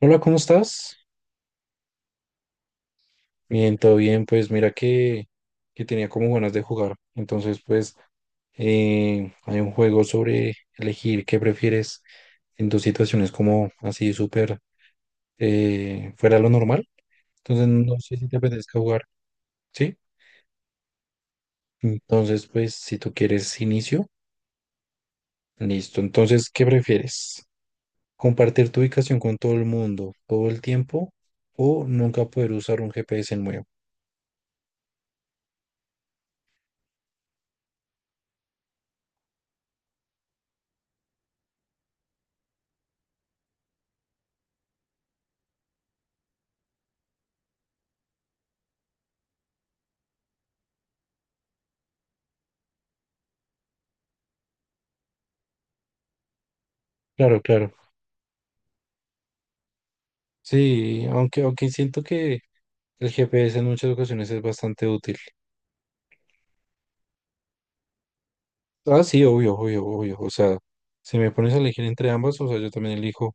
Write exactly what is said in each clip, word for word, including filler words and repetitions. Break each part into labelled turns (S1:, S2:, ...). S1: Hola, ¿cómo estás? Bien, todo bien. Pues mira que, que tenía como ganas de jugar. Entonces, pues eh, hay un juego sobre elegir qué prefieres en tus situaciones como así súper eh, fuera de lo normal. Entonces, no sé si te apetezca jugar, ¿sí? Entonces, pues si tú quieres inicio, listo. Entonces, ¿qué prefieres? ¿Compartir tu ubicación con todo el mundo todo el tiempo o nunca poder usar un G P S nuevo? Claro, claro. Sí, aunque, aunque siento que el G P S en muchas ocasiones es bastante útil. Ah, sí, obvio, obvio, obvio. O sea, si me pones a elegir entre ambas, o sea, yo también elijo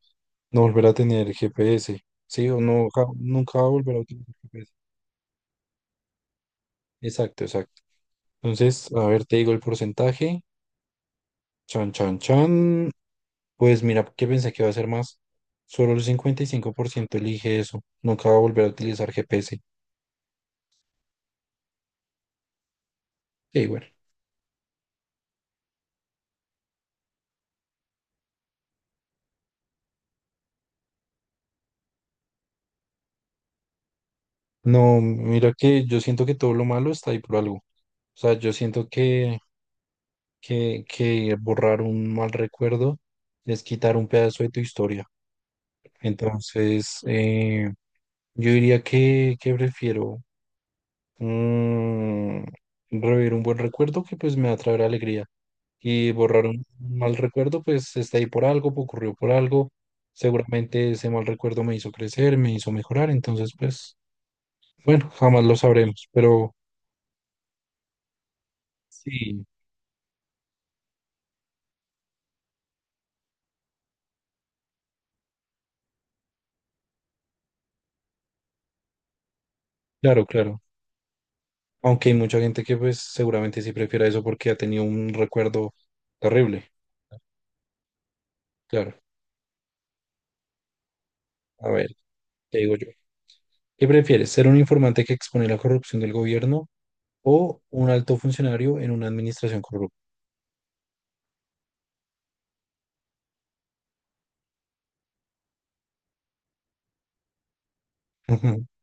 S1: no volver a tener G P S. Sí, o no, ja- nunca volver a utilizar G P S. Exacto, exacto. Entonces, a ver, te digo el porcentaje. Chan, chan, chan. Pues mira, ¿qué pensé que iba a ser más? Solo el cincuenta y cinco por ciento elige eso. Nunca va a volver a utilizar G P S. Sí, bueno. No, mira que yo siento que todo lo malo está ahí por algo. O sea, yo siento que, que, que borrar un mal recuerdo es quitar un pedazo de tu historia. Entonces, eh, yo diría que, que prefiero mm, revivir un buen recuerdo que pues me va a traer alegría. Y borrar un mal recuerdo, pues está ahí por algo, pues, ocurrió por algo. Seguramente ese mal recuerdo me hizo crecer, me hizo mejorar. Entonces, pues, bueno, jamás lo sabremos. Pero sí, claro, claro. Aunque hay mucha gente que pues seguramente sí prefiera eso porque ha tenido un recuerdo terrible. Claro, a ver, te digo yo. ¿Qué prefieres, ser un informante que expone la corrupción del gobierno o un alto funcionario en una administración corrupta?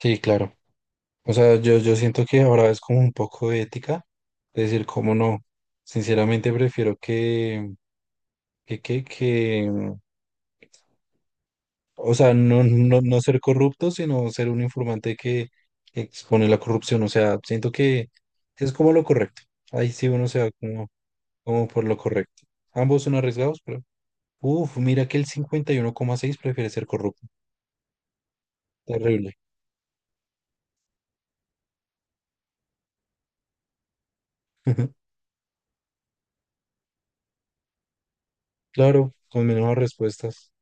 S1: Sí, claro. O sea, yo, yo siento que ahora es como un poco de ética, es decir, cómo no. Sinceramente prefiero que, que, que, que, o sea, no, no, no ser corrupto, sino ser un informante que expone la corrupción. O sea, siento que es como lo correcto. Ahí sí uno se va como, como por lo correcto. Ambos son arriesgados, pero. Uf, mira que el cincuenta y uno coma seis prefiere ser corrupto. Terrible. Claro, con menos respuestas.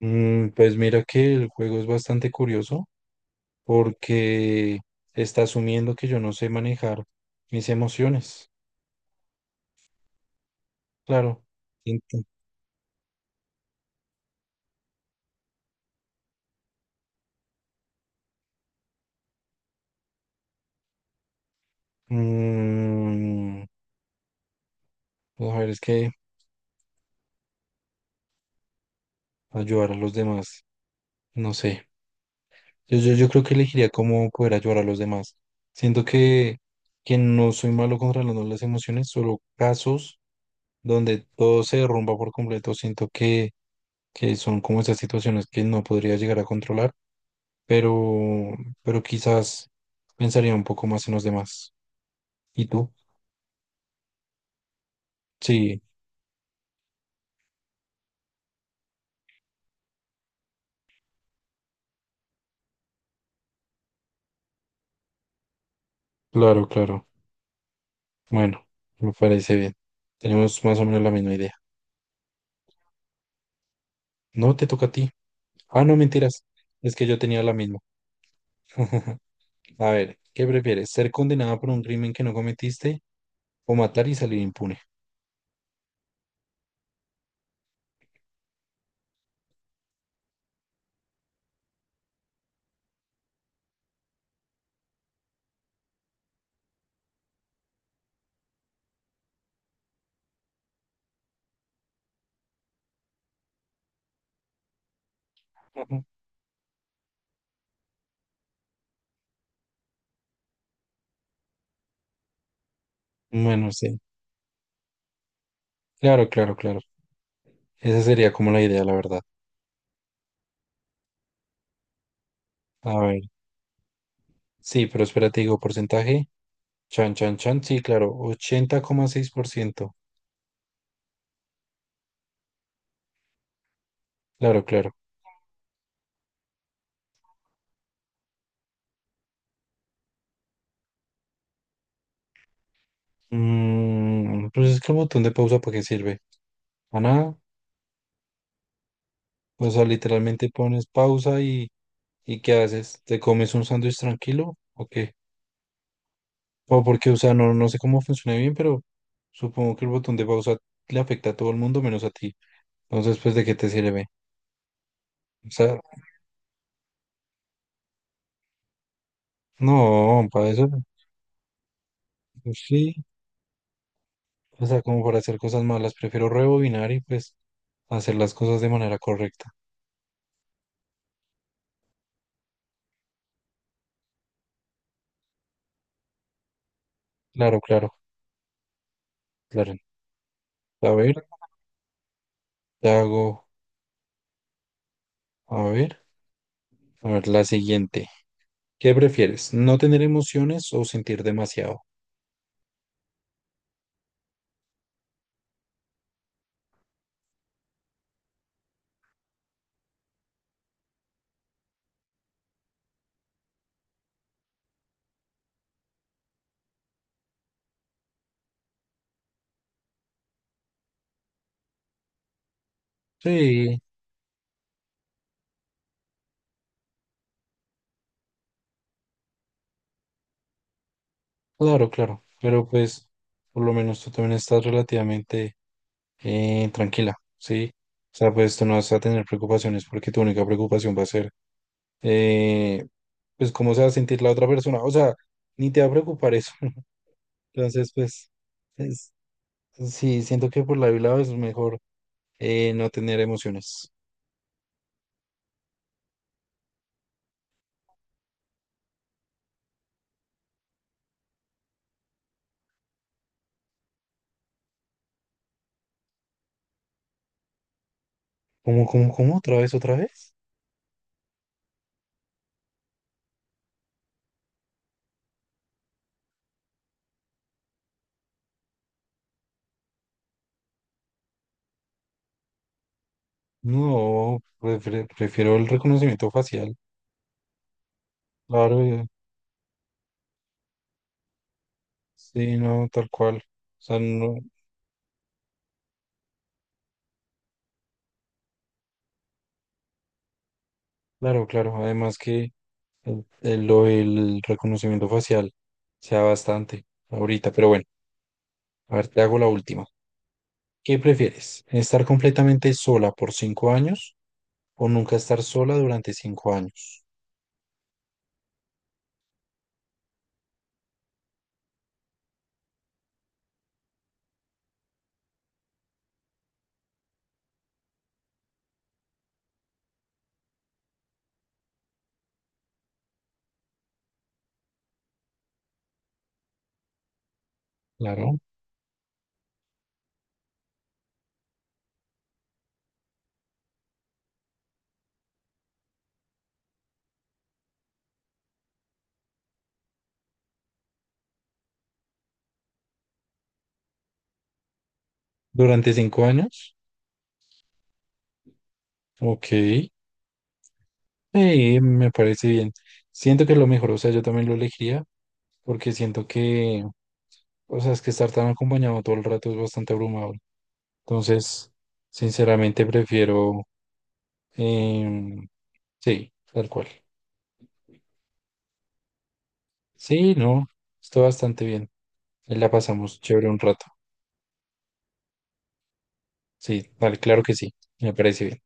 S1: Mm, pues mira que el juego es bastante curioso porque está asumiendo que yo no sé manejar mis emociones. Claro. Ento- Mm, Mujer, es que ayudar a los demás, no sé. Yo, yo, yo creo que elegiría cómo poder ayudar a los demás. Siento que, que no soy malo controlando las emociones, solo casos donde todo se derrumba por completo. Siento que, que son como esas situaciones que no podría llegar a controlar, pero, pero quizás pensaría un poco más en los demás. ¿Y tú? Sí, claro, claro. Bueno, me parece bien. Tenemos más o menos la misma idea. No te toca a ti. Ah, no, mentiras. Es que yo tenía la misma. A ver, ¿qué prefieres? ¿Ser condenado por un crimen que no cometiste o matar y salir impune? Ujú. Bueno, sí. Claro, claro, claro. Esa sería como la idea, la verdad. A ver. Sí, pero espérate, digo, porcentaje. Chan, chan, chan. Sí, claro. Ochenta coma seis por ciento. Claro, claro. Mm, pues es que el botón de pausa, ¿para qué sirve? A nada. O sea, literalmente pones pausa y, ¿y qué haces? ¿Te comes un sándwich tranquilo? Ok. O porque, o sea, no, no sé cómo funciona bien, pero supongo que el botón de pausa le afecta a todo el mundo menos a ti. Entonces, pues, ¿de qué te sirve? O sea, no, para eso, pues, sí. O sea, como para hacer cosas malas, prefiero rebobinar y pues hacer las cosas de manera correcta. Claro, claro, claro. A ver, te hago, a ver, a ver, la siguiente. ¿Qué prefieres? ¿No tener emociones o sentir demasiado? Sí, claro, claro. Pero pues, por lo menos tú también estás relativamente eh, tranquila, ¿sí? O sea, pues tú no vas a tener preocupaciones porque tu única preocupación va a ser, eh, pues, cómo se va a sentir la otra persona. O sea, ni te va a preocupar eso. Entonces, pues, es- sí, siento que por la lado es mejor eh, no tener emociones. ¿Cómo, cómo, cómo? ¿Otra vez, otra vez? No, prefiero, prefiero el reconocimiento facial. Claro, eh, sí, no, tal cual. O sea, no, claro, claro. Además que el- el- lo del reconocimiento facial sea bastante ahorita, pero bueno, a ver, te hago la última. ¿Qué prefieres? ¿Estar completamente sola por cinco años o nunca estar sola durante cinco años? Claro. ¿Durante cinco años? Ok. Sí, me parece bien. Siento que es lo mejor, o sea, yo también lo elegiría porque siento que, o sea, es que estar tan acompañado todo el rato es bastante abrumador. Entonces, sinceramente prefiero, em, sí, tal cual. Sí, no, está bastante bien. Ahí la pasamos chévere un rato. Sí, vale, claro que sí, me parece bien.